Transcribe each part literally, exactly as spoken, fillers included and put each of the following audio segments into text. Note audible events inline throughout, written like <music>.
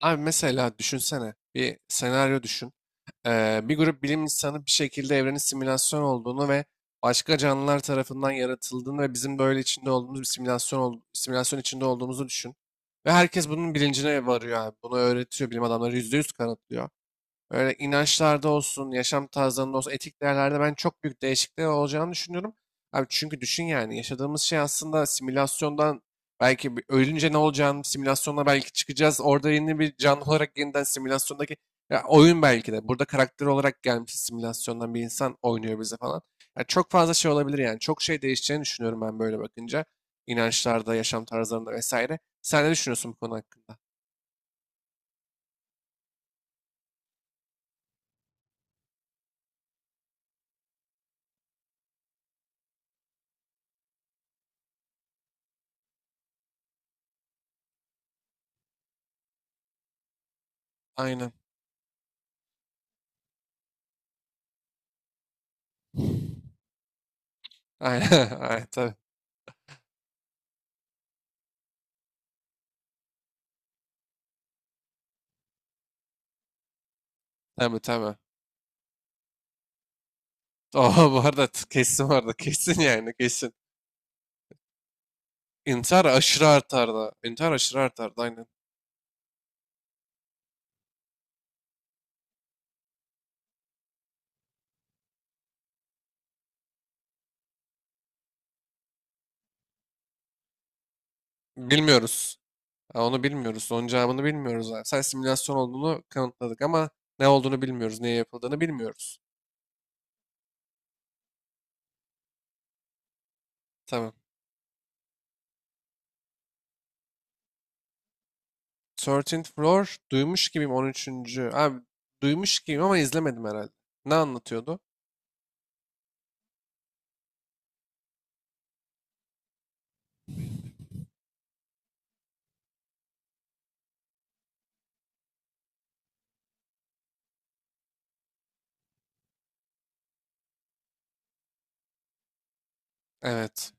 Abi mesela düşünsene bir senaryo düşün. Ee, bir grup bilim insanı bir şekilde evrenin simülasyon olduğunu ve başka canlılar tarafından yaratıldığını ve bizim böyle içinde olduğumuz bir simülasyon ol- simülasyon içinde olduğumuzu düşün. Ve herkes bunun bilincine varıyor abi. Bunu öğretiyor bilim adamları yüzde yüz kanıtlıyor. Böyle inançlarda olsun, yaşam tarzlarında olsun, etik değerlerde ben çok büyük değişiklikler olacağını düşünüyorum. Abi çünkü düşün yani yaşadığımız şey aslında simülasyondan belki bir- ölünce ne olacağını simülasyonda belki çıkacağız. Orada yeni bir canlı olarak yeniden simülasyondaki ya oyun belki de. Burada karakter olarak gelmiş simülasyondan bir insan oynuyor bize falan. Ya çok fazla şey olabilir yani. Çok şey değişeceğini düşünüyorum ben böyle bakınca. İnançlarda, yaşam tarzlarında vesaire. Sen ne düşünüyorsun bu konu hakkında? Aynen. <laughs> Aynen. Aynen. Tabii. Tabii, tabii. Aa, bu arada t- kesin vardı. Kesin yani kesin. İntihar aşırı artardı. İntihar aşırı artardı, aynen. Bilmiyoruz. Ha, onu bilmiyoruz. Onun cevabını bilmiyoruz abi. Sen simülasyon olduğunu kanıtladık ama ne olduğunu bilmiyoruz. Neye yapıldığını bilmiyoruz. Tamam. thirteenth Floor duymuş gibiyim, on üçüncü abi, duymuş gibiyim ama izlemedim herhalde. Ne anlatıyordu? Evet.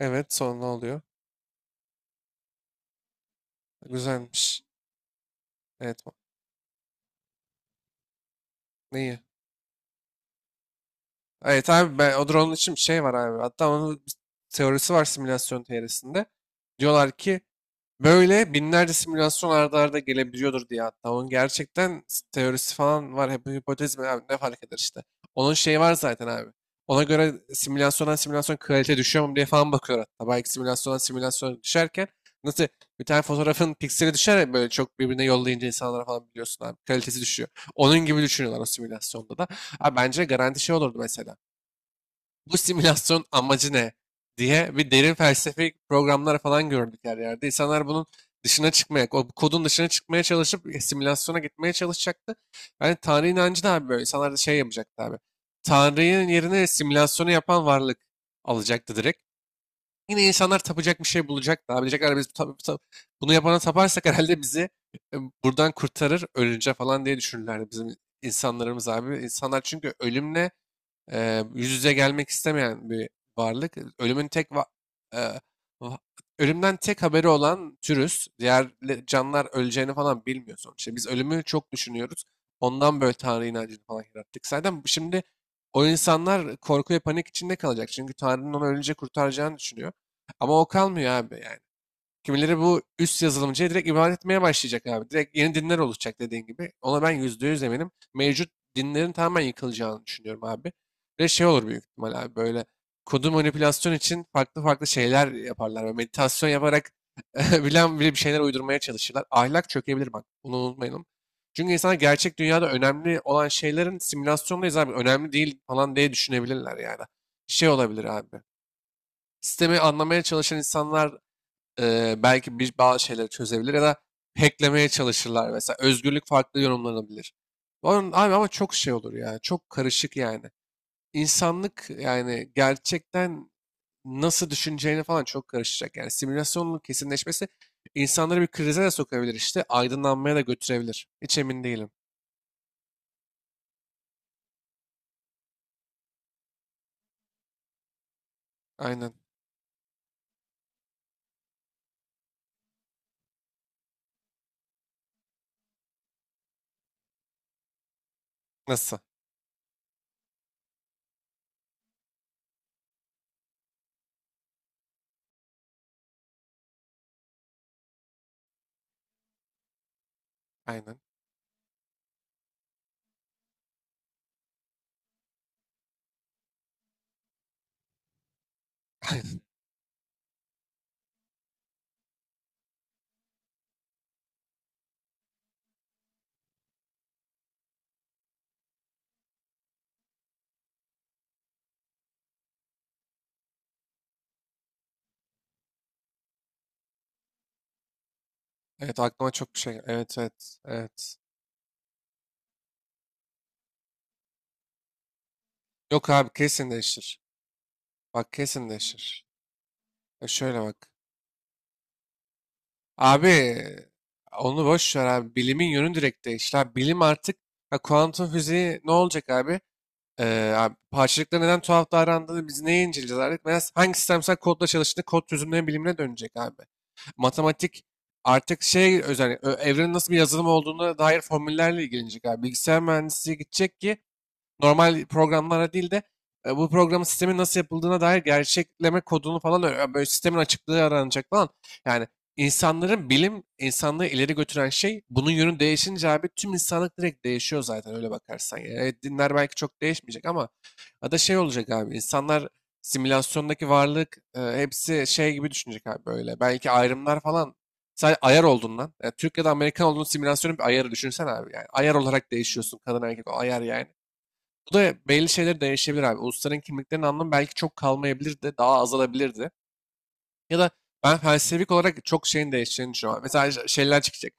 Evet, sonra ne oluyor? Güzelmiş. Evet. Neyi? Evet abi ben, o drone için bir şey var abi. Hatta onun bir teorisi var simülasyon teorisinde. Diyorlar ki böyle binlerce simülasyon arda arda gelebiliyordur diye hatta. Onun gerçekten s- teorisi falan var. Hep hipotez mi abi, ne fark eder işte. Onun şeyi var zaten abi. Ona göre simülasyondan simülasyon kalite düşüyor mu diye falan bakıyor hatta. Belki simülasyondan simülasyon düşerken nasıl bir tane fotoğrafın pikseli düşer ya böyle çok birbirine yollayınca insanlara falan, biliyorsun abi. Kalitesi düşüyor. Onun gibi düşünüyorlar o simülasyonda da. Abi bence garanti şey olurdu, mesela bu simülasyon amacı ne diye bir derin felsefik programlar falan gördük her yerde. İnsanlar bunun dışına çıkmaya, o kodun dışına çıkmaya çalışıp e, simülasyona gitmeye çalışacaktı. Yani Tanrı inancı da abi böyle. İnsanlar da şey yapacaktı abi. Tanrı'nın yerine simülasyonu yapan varlık alacaktı direkt. Yine insanlar tapacak bir şey bulacaktı. Abi diyecekler biz tap- tap- bunu yapana taparsak herhalde bizi e, buradan kurtarır ölünce falan diye düşünürlerdi bizim insanlarımız abi. İnsanlar çünkü ölümle e, yüz yüze gelmek istemeyen bir varlık. Ölümün tek va- e, va- Ölümden tek haberi olan türüz. Diğer le- canlılar öleceğini falan bilmiyor sonuçta. Biz ölümü çok düşünüyoruz. Ondan böyle Tanrı inancını falan yarattık. Zaten şimdi o insanlar korku ve panik içinde kalacak. Çünkü Tanrı'nın onu ölünce kurtaracağını düşünüyor. Ama o kalmıyor abi. Yani kimileri bu üst yazılımcıya direkt ibadet etmeye başlayacak abi. Direkt yeni dinler oluşacak, dediğin gibi. Ona ben yüzde yüz eminim. Mevcut dinlerin tamamen yıkılacağını düşünüyorum abi. Ve şey olur büyük ihtimal abi, böyle kodu manipülasyon için farklı farklı şeyler yaparlar. Böyle meditasyon yaparak <laughs> bilen bile bir şeyler uydurmaya çalışırlar. Ahlak çökebilir bak. Bunu unutmayalım. Çünkü insanlar gerçek dünyada önemli olan şeylerin simülasyondayız abi. Önemli değil falan diye düşünebilirler yani. Şey olabilir abi. Sistemi anlamaya çalışan insanlar eee, belki bir bazı şeyleri çözebilir ya da hacklemeye çalışırlar mesela. Özgürlük farklı yorumlanabilir. Onun, abi ama çok şey olur ya. Çok karışık yani. İnsanlık yani gerçekten nasıl düşüneceğini falan çok karışacak. Yani simülasyonun kesinleşmesi insanları bir krize de sokabilir işte. Aydınlanmaya da götürebilir. Hiç emin değilim. Aynen. Nasıl? Aynen. <laughs> Aynen. Evet aklıma çok bir şey gel- Evet, evet, evet. Yok abi, kesin değişir. Bak kesin değişir. Ya şöyle bak. Abi onu boş ver abi. Bilimin yönü direkt değişti. Abi, bilim artık, ha, kuantum fiziği ne olacak abi? Ee, abi parçacıklar neden tuhaf davrandığını biz neye inceleyeceğiz artık? Mesela hangi sistemsel kodla çalıştığını kod çözümleri bilimine dönecek abi. Matematik artık şey özel ö- evrenin nasıl bir yazılım olduğuna dair formüllerle ilgilenecek abi. Bilgisayar mühendisliği gidecek ki normal programlara değil de e, bu programın sistemin nasıl yapıldığına dair gerçekleme kodunu falan ö- böyle sistemin açıklığı aranacak falan. Yani insanların bilim insanlığı ileri götüren şey bunun yönü değişince abi tüm insanlık direkt değişiyor zaten öyle bakarsan. Yani evet, dinler belki çok değişmeyecek ama ya da şey olacak abi, insanlar simülasyondaki varlık e, hepsi şey gibi düşünecek abi böyle. Belki ayrımlar falan, sen ayar oldun lan. Yani Türk ya da Amerikan olduğun simülasyonun bir ayarı düşünsen abi yani. Ayar olarak değişiyorsun, kadın erkek o ayar yani. Bu da belli şeyler değişebilir abi. Ulusların kimliklerinin anlamı belki çok kalmayabilir de daha azalabilirdi. Ya da ben felsefik olarak çok şeyin değişeceğini düşünüyorum. Mesela ş- şeyler çıkacak.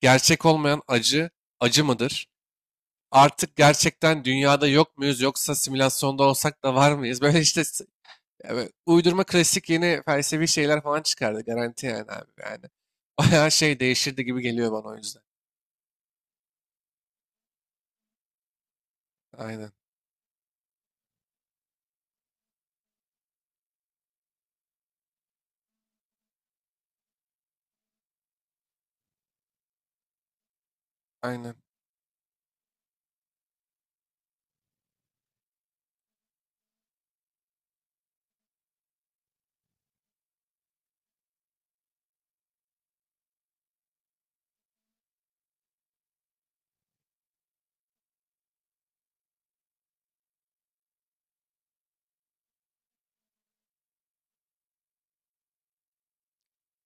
Gerçek olmayan acı, acı mıdır? Artık gerçekten dünyada yok muyuz yoksa simülasyonda olsak da var mıyız? <laughs> Böyle işte s- evet, uydurma klasik yeni felsefi şeyler falan çıkardı garanti yani abi yani. <laughs> Bayağı şey değişirdi gibi geliyor bana o yüzden. Aynen, aynen.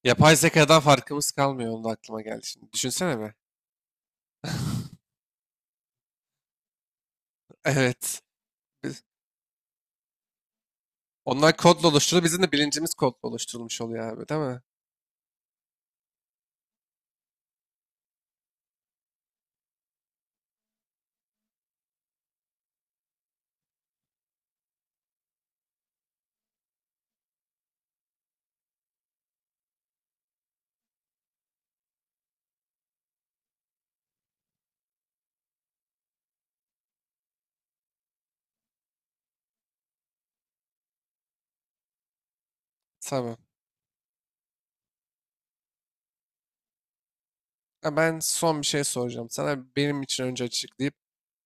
Yapay zekadan farkımız kalmıyor. Onu da aklıma geldi şimdi. Düşünsene be. Evet. Onlar kodla oluşturulur. Bizim de bilincimiz kodla oluşturulmuş oluyor abi, değil mi? Tamam. Ha, ben son bir şey soracağım sana. Benim için önce açıklayıp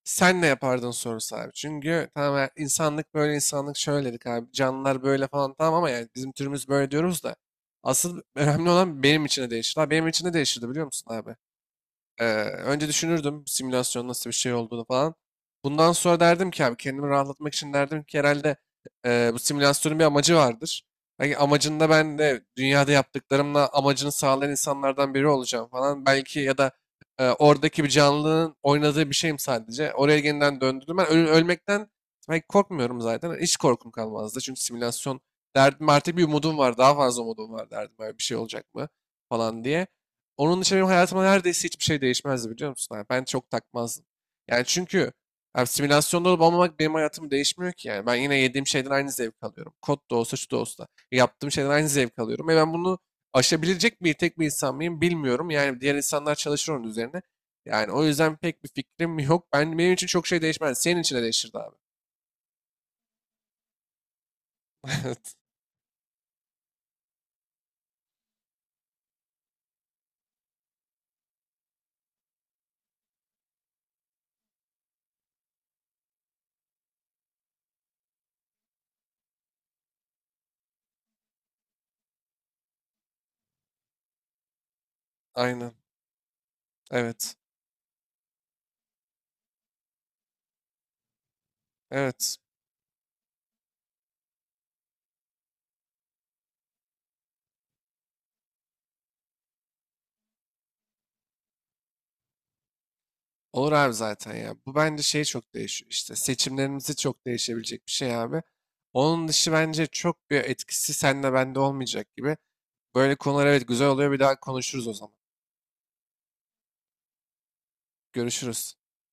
sen ne yapardın sorusu abi. Çünkü tamam ya, insanlık böyle insanlık şöyle dedik abi. Canlılar böyle falan tamam ama yani bizim türümüz böyle diyoruz da. Asıl önemli olan benim için ne değişir. Ha, benim için ne değişirdi biliyor musun abi? Ee, Önce düşünürdüm simülasyon nasıl bir şey olduğunu falan. Bundan sonra derdim ki abi, kendimi rahatlatmak için derdim ki herhalde e, bu simülasyonun bir amacı vardır. Belki amacında ben de dünyada yaptıklarımla amacını sağlayan insanlardan biri olacağım falan. Belki ya da e, oradaki bir canlının oynadığı bir şeyim sadece. Oraya yeniden döndürdüm. Ben öl- ölmekten belki korkmuyorum zaten. Hiç korkum kalmazdı. Çünkü simülasyon derdim, artık bir umudum var. Daha fazla umudum var derdim. Böyle bir şey olacak mı falan diye. Onun dışında benim hayatımda neredeyse hiçbir şey değişmezdi biliyor musun abi? Ben çok takmazdım. Yani çünkü abi simülasyonda olup olmamak benim hayatımı değişmiyor ki yani. Ben yine yediğim şeyden aynı zevk alıyorum. Kod da olsa şu da olsa. Yaptığım şeyden aynı zevk alıyorum. Ve ben bunu aşabilecek bir tek bir insan mıyım bilmiyorum. Yani diğer insanlar çalışır onun üzerine. Yani o yüzden pek bir fikrim yok. Ben, benim için çok şey değişmez. Senin için de değişirdi abi. <laughs> Evet. Aynen. Evet. Evet. Olur abi zaten ya. Bu bence şey çok değişiyor işte. Seçimlerimizi çok değişebilecek bir şey abi. Onun dışı bence çok bir etkisi senle bende olmayacak gibi. Böyle konular evet güzel oluyor. Bir daha konuşuruz o zaman. Görüşürüz.